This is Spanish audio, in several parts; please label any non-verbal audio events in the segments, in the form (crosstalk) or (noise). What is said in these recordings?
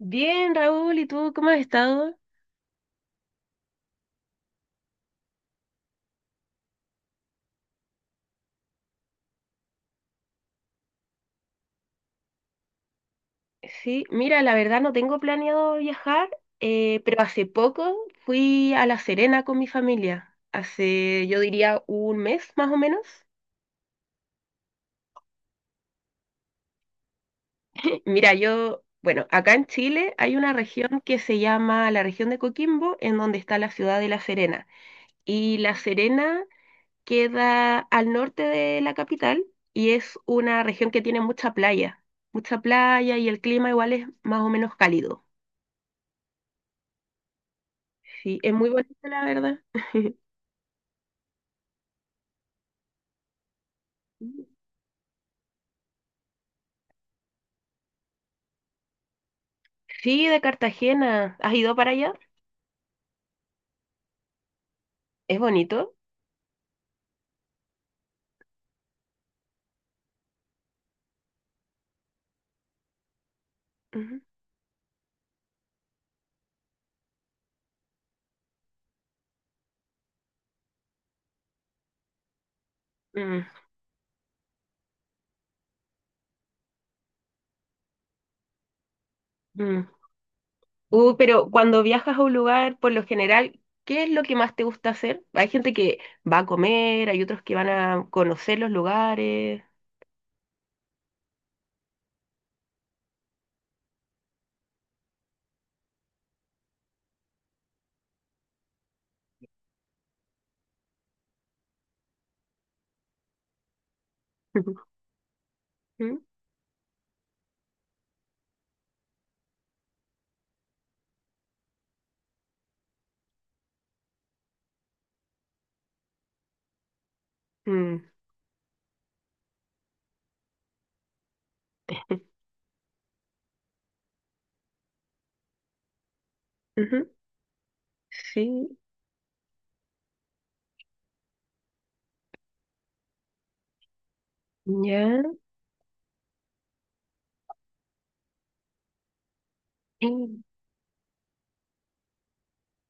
Bien, Raúl, ¿y tú cómo has estado? Sí, mira, la verdad no tengo planeado viajar, pero hace poco fui a La Serena con mi familia, hace yo diría un mes más o menos. Mira, yo, bueno, acá en Chile hay una región que se llama la región de Coquimbo, en donde está la ciudad de La Serena. Y La Serena queda al norte de la capital y es una región que tiene mucha playa y el clima igual es más o menos cálido. Sí, es muy bonito, la verdad. (laughs) Sí, de Cartagena. ¿Has ido para allá? ¿Es bonito? Ujú. Mm, mm. Pero cuando viajas a un lugar, por lo general, ¿qué es lo que más te gusta hacer? Hay gente que va a comer, hay otros que van a conocer los lugares. Ujú. (laughs) Mm, ujú. Sí, ya.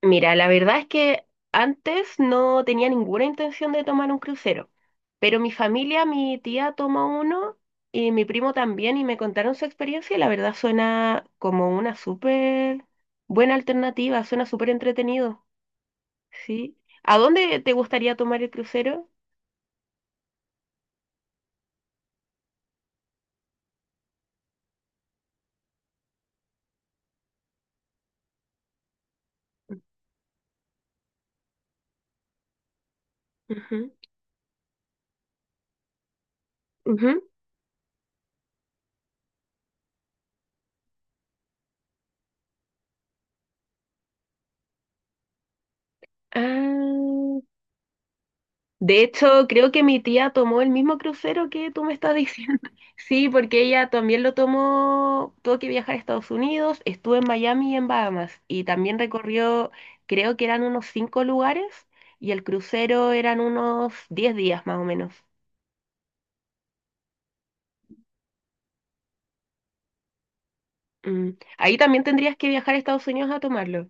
Mira, la verdad es que antes no tenía ninguna intención de tomar un crucero, pero mi familia, mi tía tomó uno y mi primo también y me contaron su experiencia y la verdad suena como una súper buena alternativa, suena súper entretenido, ¿sí? ¿A dónde te gustaría tomar el crucero? Ujú, ujú. Ah, de hecho, creo que mi tía tomó el mismo crucero que tú me estás diciendo. (laughs) Sí, porque ella también lo tomó, tuvo que viajar a Estados Unidos, estuvo en Miami y en Bahamas, y también recorrió, creo que eran unos cinco lugares, y el crucero eran unos 10 días más o menos. Mm. Ahí también tendrías que viajar a Estados Unidos a tomarlo.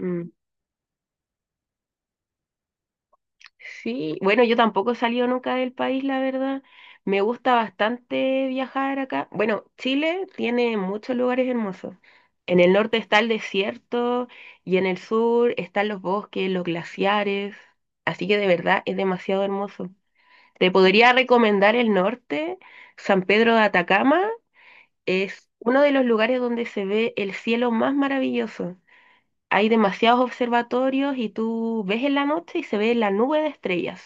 Mm. Sí, bueno, yo tampoco he salido nunca del país, la verdad. Me gusta bastante viajar acá. Bueno, Chile tiene muchos lugares hermosos. En el norte está el desierto y en el sur están los bosques, los glaciares. Así que de verdad es demasiado hermoso. Te podría recomendar el norte, San Pedro de Atacama. Es uno de los lugares donde se ve el cielo más maravilloso. Hay demasiados observatorios y tú ves en la noche y se ve la nube de estrellas.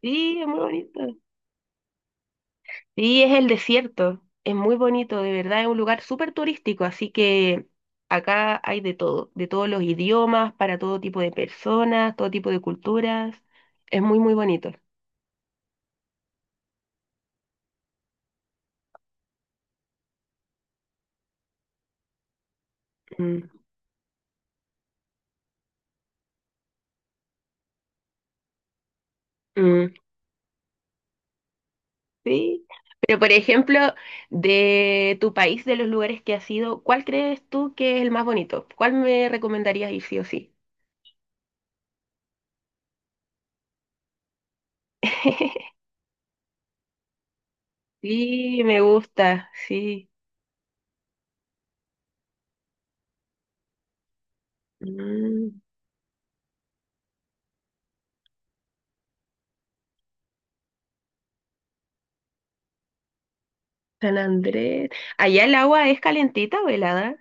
Sí, es muy bonito. Sí, es el desierto. Es muy bonito, de verdad, es un lugar súper turístico, así que acá hay de todo, de todos los idiomas, para todo tipo de personas, todo tipo de culturas. Es muy, muy bonito. Mm, mm, sí. Pero, por ejemplo, de tu país, de los lugares que has ido, ¿cuál crees tú que es el más bonito? ¿Cuál me recomendarías ir sí o sí? (laughs) Sí, me gusta, sí. Mm. San Andrés. Allá el agua es calentita o helada.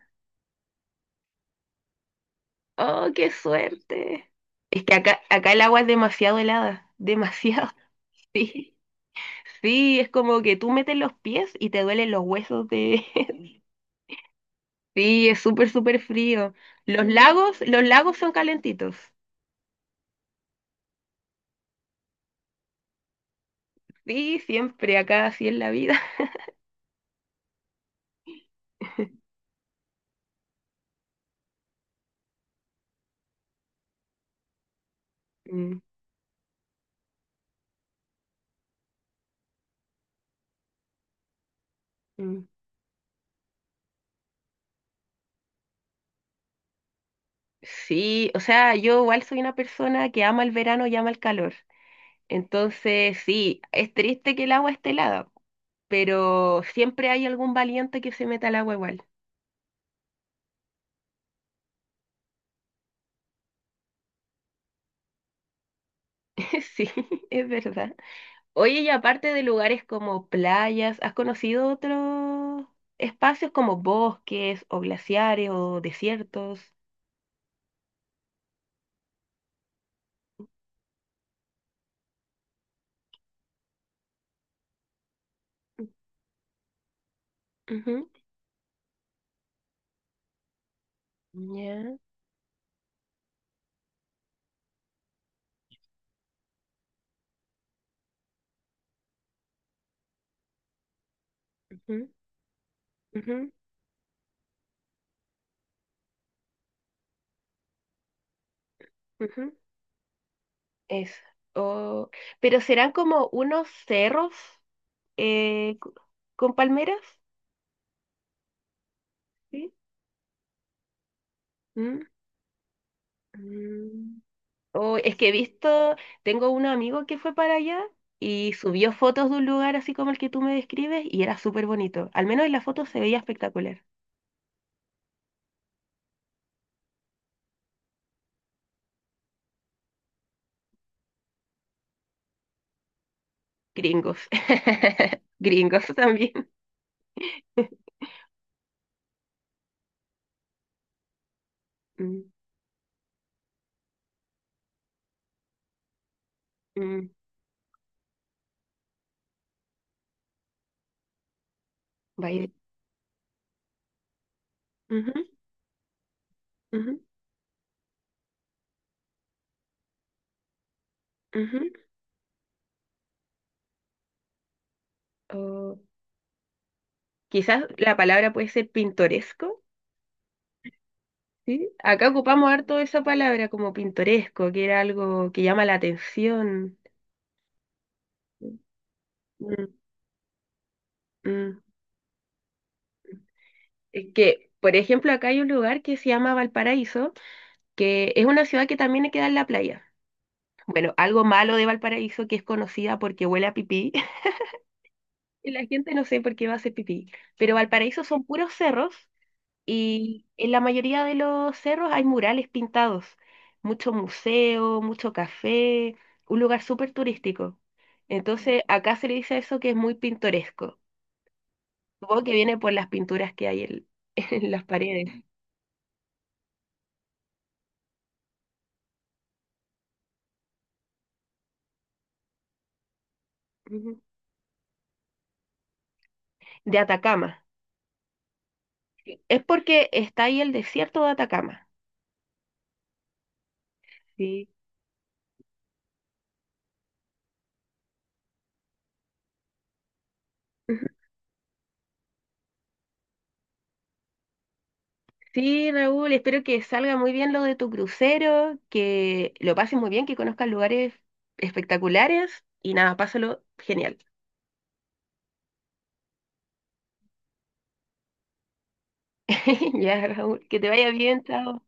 Oh, qué suerte. Es que acá, acá el agua es demasiado helada. Demasiado, (laughs) sí. Sí, es como que tú metes los pies y te duelen los huesos de... (laughs) Sí, es súper, súper frío. Los lagos son calentitos. Sí, siempre, acá así es la vida. (laughs) Mm, mm. Sí, o sea, yo igual soy una persona que ama el verano y ama el calor. Entonces, sí, es triste que el agua esté helada pero siempre hay algún valiente que se meta al agua igual. (laughs) Sí, es verdad. Oye, y aparte de lugares como playas, ¿has conocido otros espacios como bosques o glaciares o desiertos? Ujú, ya. Ujú, ujú, ujú, eso. O- Pero serán como unos cerros eh, co- con palmeras, ¿sí? Mm, mm. Oh, es que he visto, tengo un amigo que fue para allá y subió fotos de un lugar así como el que tú me describes y era súper bonito. Al menos en la foto se veía espectacular. Gringos. (laughs) Gringos también. Mm, mm, baile. Ujú, ujú, ujú. O quizás la palabra puede ser pintoresco, ¿sí? Acá ocupamos harto esa palabra como pintoresco, que era algo que llama la atención. Mm, mm. Mm. Que, por ejemplo, acá hay un lugar que se llama Valparaíso, que es una ciudad que también queda en la playa. Bueno, algo malo de Valparaíso que es conocida porque huele a pipí. (laughs) Y la gente no sé por qué va a hacer pipí. Pero Valparaíso son puros cerros y en la mayoría de los cerros hay murales pintados. Mucho museo, mucho café, un lugar súper turístico. Entonces, acá se le dice a eso que es muy pintoresco. Supongo que viene por las pinturas que hay en, (laughs) en las paredes. Ujú. De Atacama. Es porque está ahí el desierto de Atacama. Sí. Ujú. Sí, Raúl, espero que salga muy bien lo de tu crucero, que lo pases muy bien, que conozcas lugares espectaculares y nada, pásalo genial. (laughs) Ya, Raúl, que te vaya bien, chao.